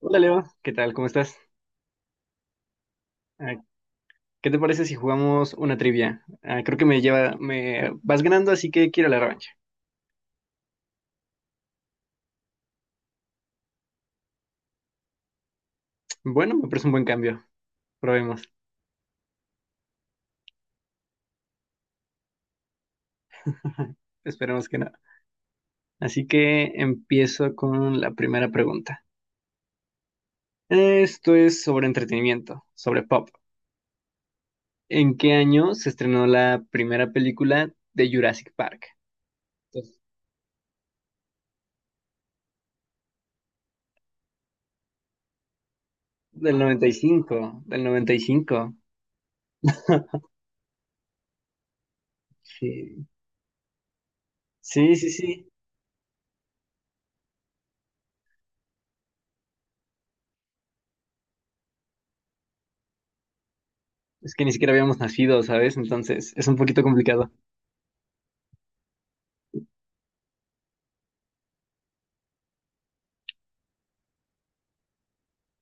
Hola Leo, ¿qué tal? ¿Cómo estás? Ah, ¿Qué te parece si jugamos una trivia? Creo que me vas ganando, así que quiero la revancha. Bueno, me parece un buen cambio. Probemos. Esperemos que no. Así que empiezo con la primera pregunta. Esto es sobre entretenimiento, sobre pop. ¿En qué año se estrenó la primera película de Jurassic Park? Pues, del 95, del 95. Sí, sí, sí. Es que ni siquiera habíamos nacido, ¿sabes? Entonces es un poquito complicado.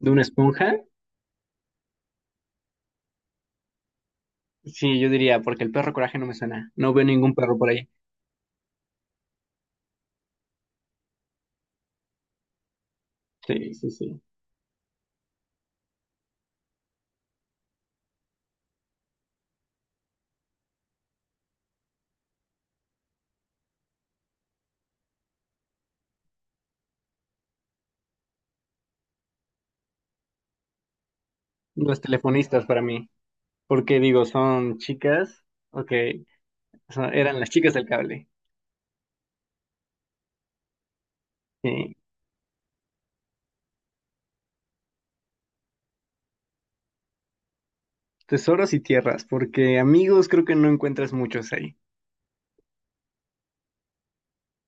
¿De una esponja? Sí, yo diría, porque el perro coraje no me suena. No veo ningún perro por ahí. Sí, sí, sí. Los telefonistas para mí. Porque digo, son chicas. Ok, eran las chicas del cable. Sí. Tesoros y tierras, porque amigos creo que no encuentras muchos ahí.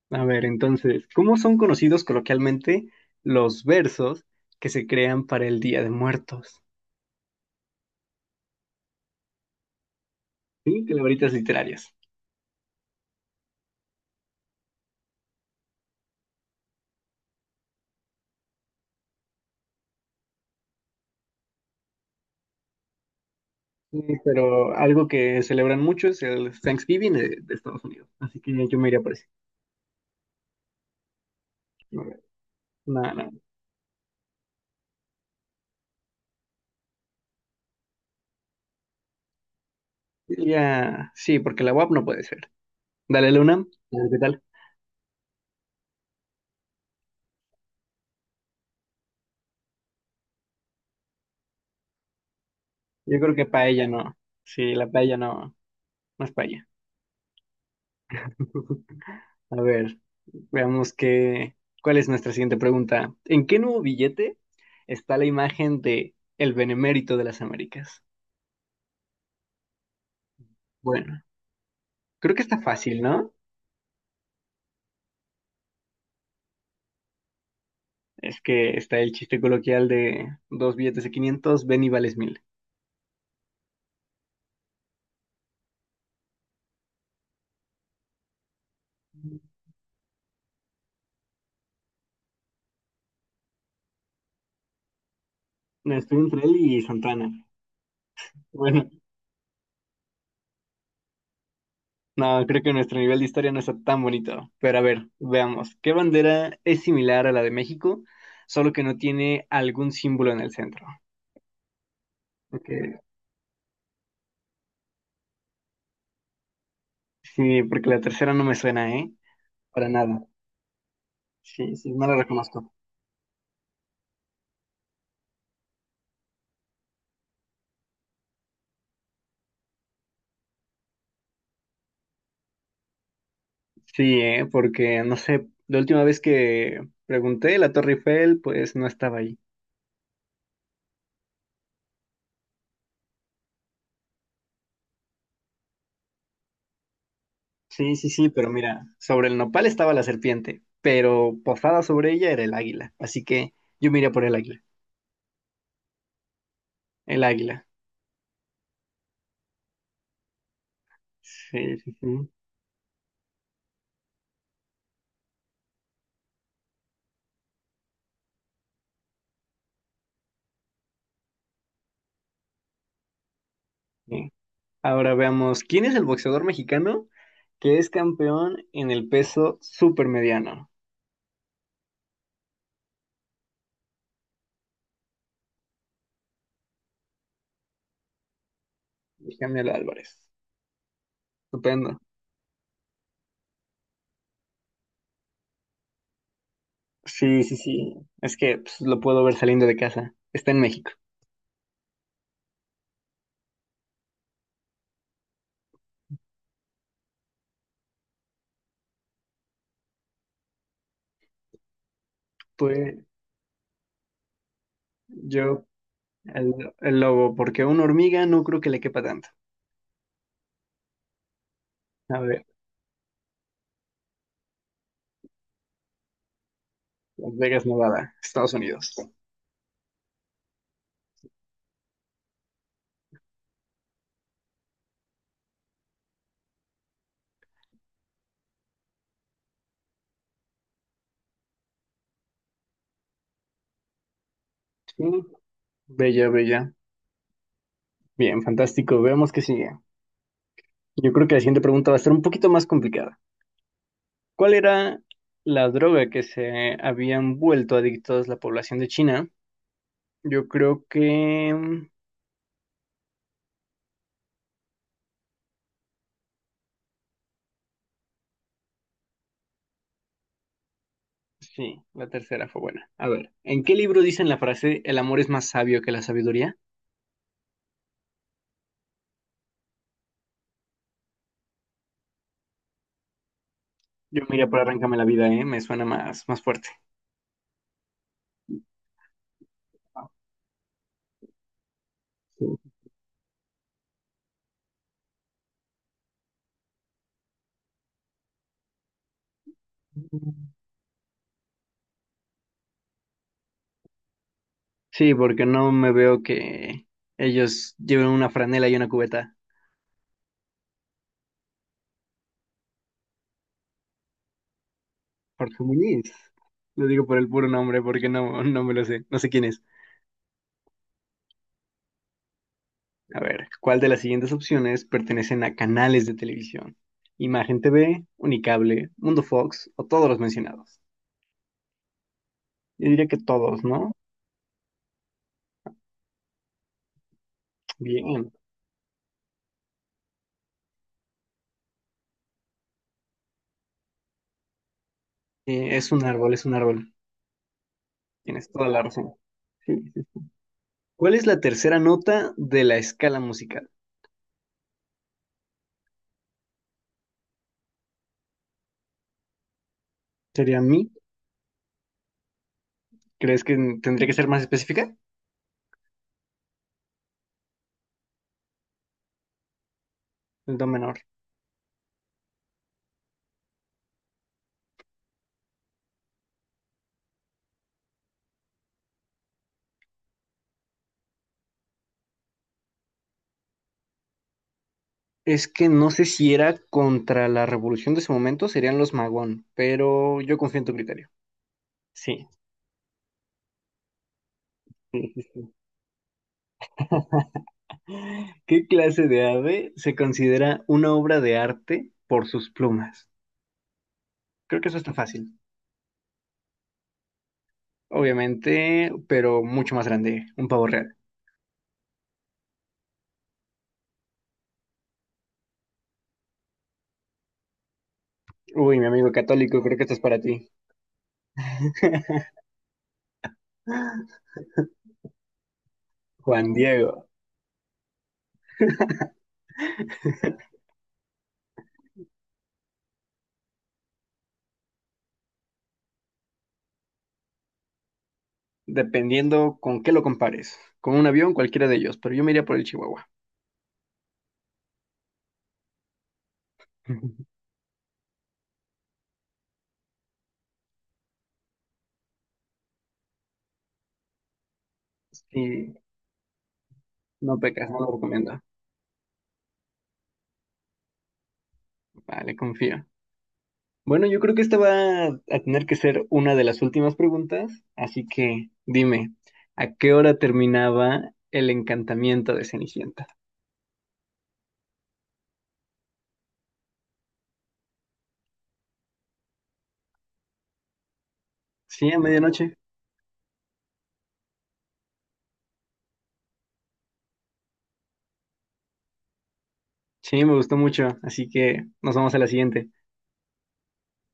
A ver, entonces, ¿cómo son conocidos coloquialmente los versos que se crean para el Día de Muertos? Sí, calabritas literarias. Sí, pero algo que celebran mucho es el Thanksgiving de Estados Unidos. Así que yo me iría por ese. A ver, no, no. Ya, sí, porque la UAP no puede ser. Dale, Luna. A ver, ¿qué tal? Yo creo que paella no. Sí, la paella no, no es paella. A ver, veamos qué, ¿cuál es nuestra siguiente pregunta? ¿En qué nuevo billete está la imagen de el benemérito de las Américas? Bueno, creo que está fácil, ¿no? Es que está el chiste coloquial de dos billetes de 500 ven y vales mil. Estoy entre él y Santana. Bueno, no, creo que nuestro nivel de historia no está tan bonito. Pero a ver, veamos. ¿Qué bandera es similar a la de México, solo que no tiene algún símbolo en el centro? Porque- sí, porque la tercera no me suena, ¿eh? Para nada. Sí, sí, no la reconozco. Sí, ¿eh? Porque, no sé, la última vez que pregunté, la Torre Eiffel, pues no estaba ahí. Sí, sí, sí, pero mira, sobre el nopal estaba la serpiente, pero posada sobre ella era el águila. Así que yo me iría por el águila. El águila. Sí, sí, sí. Bien. Ahora veamos, ¿quién es el boxeador mexicano que es campeón en el peso supermediano? Daniel Álvarez. Estupendo. Sí, sí, sí. Es que pues, lo puedo ver saliendo de casa. Está en México. Pues yo, el, el lobo, porque una hormiga no creo que le quepa tanto. A ver, Las Vegas, Nevada, Estados Unidos. Sí, Bella, bella. Bien, fantástico. Veamos qué sigue. Yo creo que la siguiente pregunta va a estar un poquito más complicada. ¿Cuál era la droga que se habían vuelto adictos la población de China? Yo creo que... sí, la tercera fue buena. A ver, ¿en qué libro dicen la frase el amor es más sabio que la sabiduría? Yo mira por Arráncame la vida, ¿eh? Me suena más, más fuerte. Sí. Sí, porque no me veo que ellos lleven una franela y una cubeta. Jorge Muñiz. Lo digo por el puro nombre porque no, no me lo sé. No sé quién es. A ver, ¿cuál de las siguientes opciones pertenecen a canales de televisión? Imagen TV, Unicable, Mundo Fox o todos los mencionados. Yo diría que todos, ¿no? Bien. Es un árbol. Tienes toda la razón. Sí, sí, sí. ¿Cuál es la tercera nota de la escala musical? ¿Sería mi? ¿Crees que tendría que ser más específica? El do menor. Es que no sé si era contra la revolución de ese momento, serían los Magón, pero yo confío en tu criterio. Sí, sí, sí, sí. ¿Qué clase de ave se considera una obra de arte por sus plumas? Creo que eso está fácil, obviamente, pero mucho más grande, un pavo real. Uy, mi amigo católico, creo que esto es para ti. Juan Diego, dependiendo con qué lo compares, con un avión, cualquiera de ellos, pero yo me iría por el Chihuahua. Sí, no pecas, no lo recomiendo. Vale, confío. Bueno, yo creo que esta va a tener que ser una de las últimas preguntas, así que dime, ¿a qué hora terminaba el encantamiento de Cenicienta? Sí, a medianoche. Sí, me gustó mucho, así que nos vamos a la siguiente.